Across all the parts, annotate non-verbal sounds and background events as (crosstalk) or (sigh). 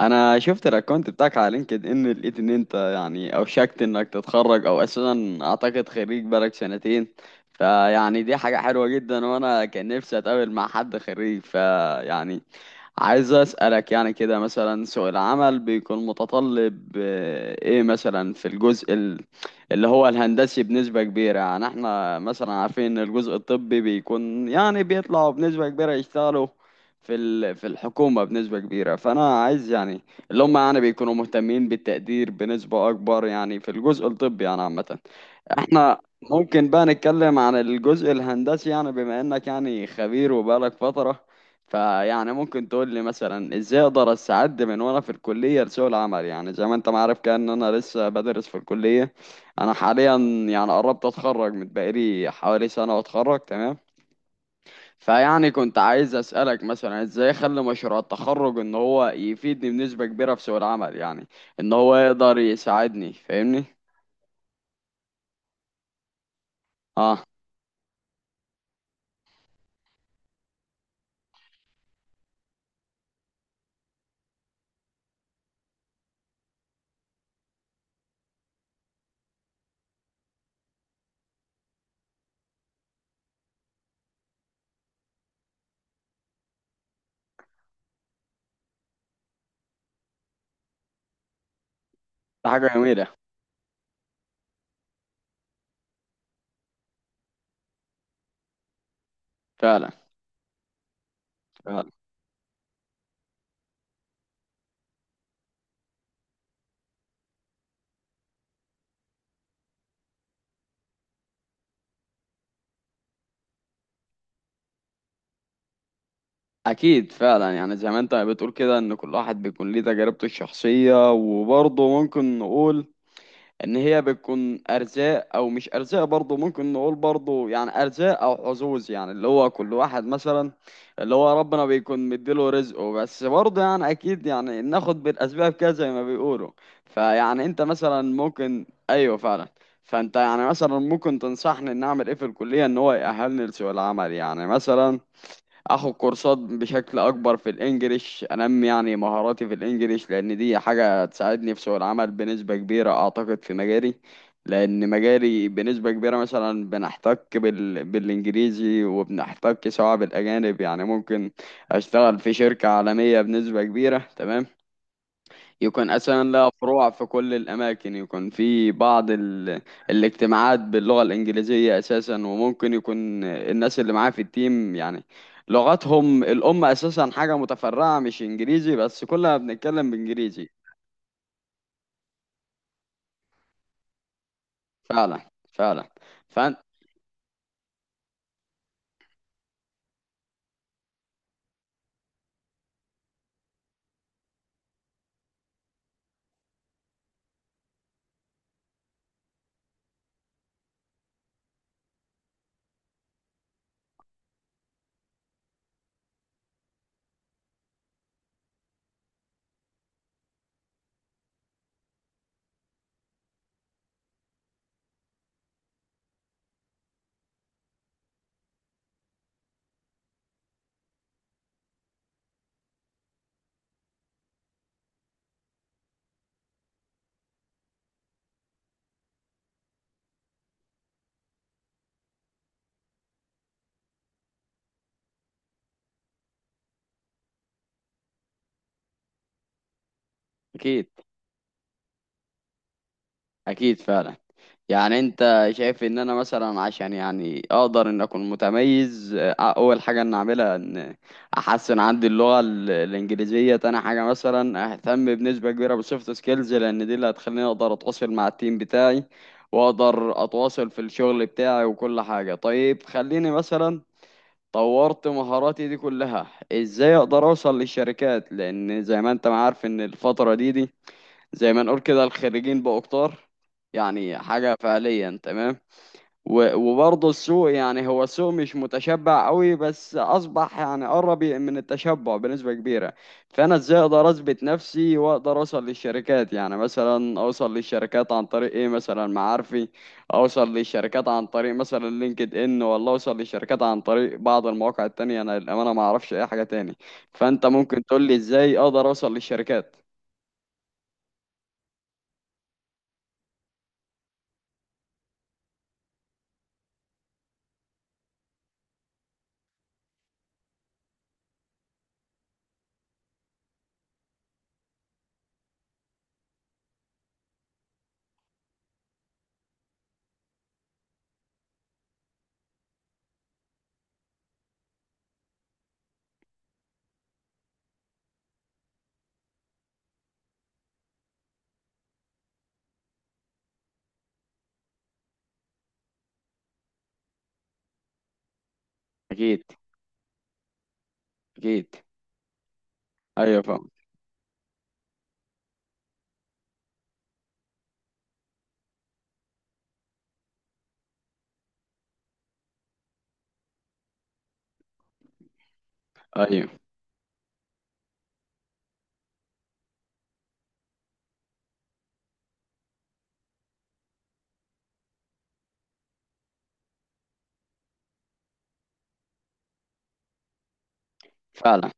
انا شفت الاكونت بتاعك على لينكد ان، لقيت ان انت يعني اوشكت انك تتخرج او اساسا اعتقد خريج بقالك سنتين. فيعني دي حاجة حلوة جدا، وانا كان نفسي اتقابل مع حد خريج. فيعني عايز أسألك يعني كده، مثلا سوق العمل بيكون متطلب ايه مثلا في الجزء اللي هو الهندسي بنسبة كبيرة؟ يعني احنا مثلا عارفين ان الجزء الطبي بيكون يعني بيطلعوا بنسبة كبيرة يشتغلوا في في الحكومة بنسبة كبيرة. فأنا عايز يعني اللي هم يعني بيكونوا مهتمين بالتقدير بنسبة أكبر يعني في الجزء الطبي يعني عامة. احنا ممكن بقى نتكلم عن الجزء الهندسي، يعني بما انك يعني خبير وبقالك فترة. فيعني ممكن تقول لي مثلا ازاي اقدر استعد من وانا في الكلية لسوق العمل؟ يعني زي ما انت ما عارف كده ان انا لسه بدرس في الكلية. انا حاليا يعني قربت اتخرج، من بقالي حوالي سنة واتخرج، تمام. فيعني كنت عايز اسألك مثلا ازاي اخلي مشروع التخرج ان هو يفيدني بنسبة كبيرة في سوق العمل، يعني ان هو يقدر يساعدني، فاهمني؟ اه، ده حاجة جميلة. فعلا. أكيد، فعلا يعني زي ما أنت بتقول كده إن كل واحد بيكون ليه تجربته الشخصية، وبرضه ممكن نقول إن هي بتكون أرزاق أو مش أرزاق، برضه ممكن نقول برضه يعني أرزاق أو حظوظ، يعني اللي هو كل واحد مثلا اللي هو ربنا بيكون مديله رزقه، بس برضه يعني أكيد يعني ناخد بالأسباب كده زي ما بيقولوا. فيعني أنت مثلا ممكن، أيوه فعلا. فأنت يعني مثلا ممكن تنصحني إن أعمل إيه في الكلية إن هو يأهلني لسوق العمل؟ يعني مثلا اخد كورسات بشكل اكبر في الانجليش، انمي يعني مهاراتي في الانجليش، لان دي حاجة تساعدني في سوق العمل بنسبة كبيرة اعتقد في مجالي. لان مجالي بنسبة كبيرة مثلا بنحتك بالانجليزي، وبنحتك سواء بالاجانب، يعني ممكن اشتغل في شركة عالمية بنسبة كبيرة، تمام. يكون أساسا لها فروع في كل الأماكن، يكون في بعض الاجتماعات باللغة الإنجليزية أساسا، وممكن يكون الناس اللي معاه في التيم يعني لغتهم الأم أساسا حاجة متفرعة مش إنجليزي، بس كلنا بنتكلم بإنجليزي. فعلا فعلا. فأنت. أكيد أكيد. فعلا، يعني انت شايف ان انا مثلا عشان يعني اقدر ان اكون متميز، اول حاجة ان اعملها ان احسن عندي اللغة الانجليزية. تاني حاجة مثلا اهتم بنسبة كبيرة بالسوفت سكيلز، لان دي اللي هتخليني اقدر اتواصل مع التيم بتاعي واقدر اتواصل في الشغل بتاعي وكل حاجة. طيب خليني مثلا طورت مهاراتي دي كلها، ازاي اقدر اوصل للشركات؟ لان زي ما انت ما عارف ان الفترة دي زي ما نقول كده الخريجين بقوا كتار، يعني حاجة فعليا، تمام. و- وبرضه السوق يعني هو السوق مش متشبع قوي، بس أصبح يعني قرب من التشبع بنسبة كبيرة. فأنا إزاي أقدر أثبت نفسي وأقدر أوصل للشركات؟ يعني مثلا أوصل للشركات عن طريق إيه؟ مثلا معارفي، أوصل للشركات عن طريق مثلا لينكد إن، ولا أوصل للشركات عن طريق بعض المواقع التانية؟ أنا للأمانة ما أعرفش أي حاجة تاني، فأنت ممكن تقول لي إزاي أقدر أوصل للشركات؟ أكيد أكيد. ايوه فاهم. ايوه فعلا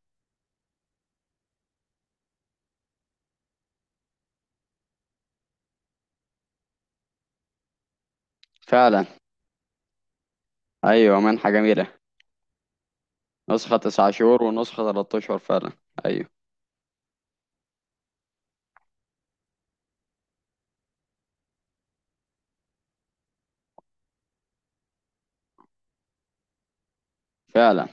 فعلا. ايوه منحة جميلة. نسخة 9 شهور ونسخة 3 اشهر، فعلا. ايوه. فعلا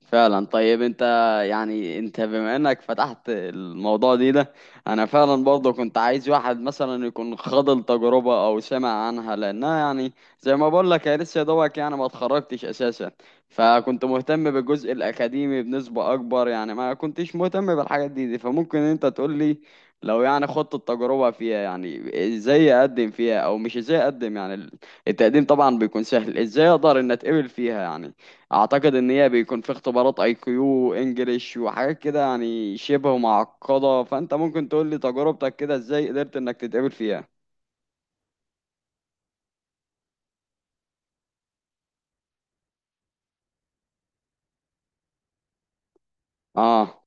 فعلا طيب انت، يعني انت بما انك فتحت الموضوع ده انا فعلا برضه كنت عايز واحد مثلا يكون خاض التجربة او سمع عنها، لانها يعني زي ما بقول لك، يا لسه دوبك يعني ما اتخرجتش اساسا، فكنت مهتم بالجزء الاكاديمي بنسبة اكبر، يعني ما كنتش مهتم بالحاجات دي. فممكن انت تقول لي لو يعني خدت التجربة فيها، يعني ازاي اقدم فيها؟ او مش ازاي اقدم، يعني التقديم طبعا بيكون سهل، ازاي اقدر ان اتقبل فيها؟ يعني اعتقد ان هي بيكون في اختبارات اي كيو انجليش وحاجات كده، يعني شبه معقده، فانت ممكن تقول لي تجربتك كده ازاي قدرت انك تتقبل فيها؟ اه.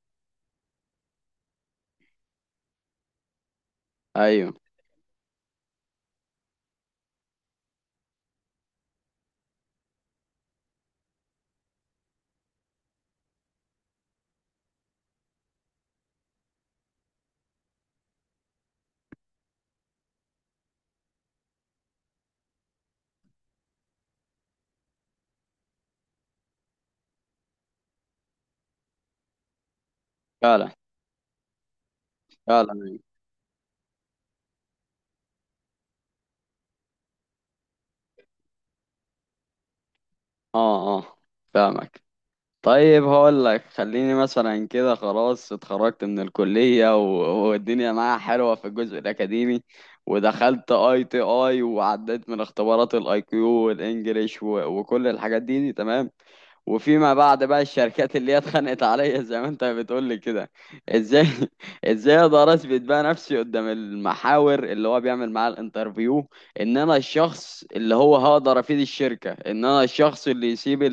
ايوه. فعلا. فعلا أيوة. اه اه، فاهمك. طيب هقول لك، خليني مثلا كده خلاص اتخرجت من الكلية و- والدنيا معايا حلوة في الجزء الأكاديمي، ودخلت اي تي اي وعديت من اختبارات الاي كيو والانجليش و- وكل الحاجات دي تمام، وفيما بعد بقى الشركات اللي هي اتخانقت عليا زي ما انت بتقول لي كده. ازاي (laughs) ازاي اقدر اثبت بقى نفسي قدام المحاور اللي هو بيعمل معاه الانترفيو، ان انا الشخص اللي هو هقدر افيد الشركة، ان انا الشخص اللي يسيب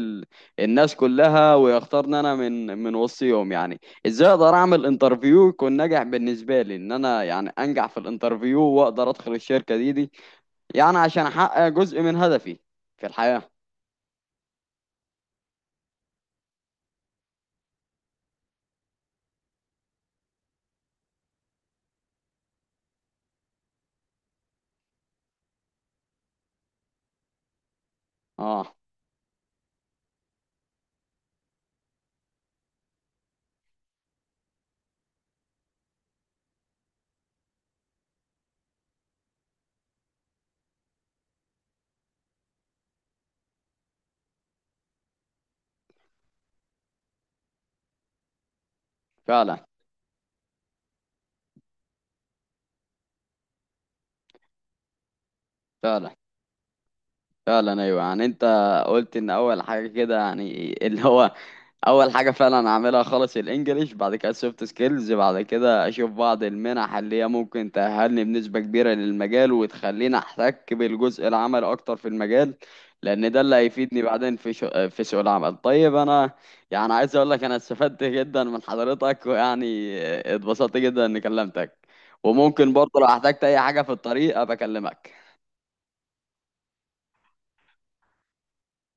الناس كلها ويختارني انا من وسطهم؟ يعني ازاي اقدر اعمل انترفيو يكون ناجح بالنسبه لي، ان انا يعني انجح في الانترفيو واقدر ادخل الشركه دي يعني عشان احقق جزء من هدفي في الحياه. اه فعلا فعلا فعلا. ايوه يعني انت قلت ان اول حاجه كده يعني اللي هو اول حاجه فعلا اعملها خالص الانجليش، بعد كده السوفت سكيلز، بعد كده اشوف بعض المنح اللي هي ممكن تأهلني بنسبه كبيره للمجال وتخليني احتك بالجزء العملي اكتر في المجال، لان ده اللي هيفيدني بعدين في في سوق العمل. طيب انا يعني عايز اقول لك انا استفدت جدا من حضرتك، ويعني اتبسطت جدا اني كلمتك، وممكن برضه لو احتجت اي حاجه في الطريق ابقى اكلمك.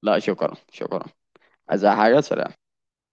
لا شكرا شكرا. عايزة حاجة؟ سلام.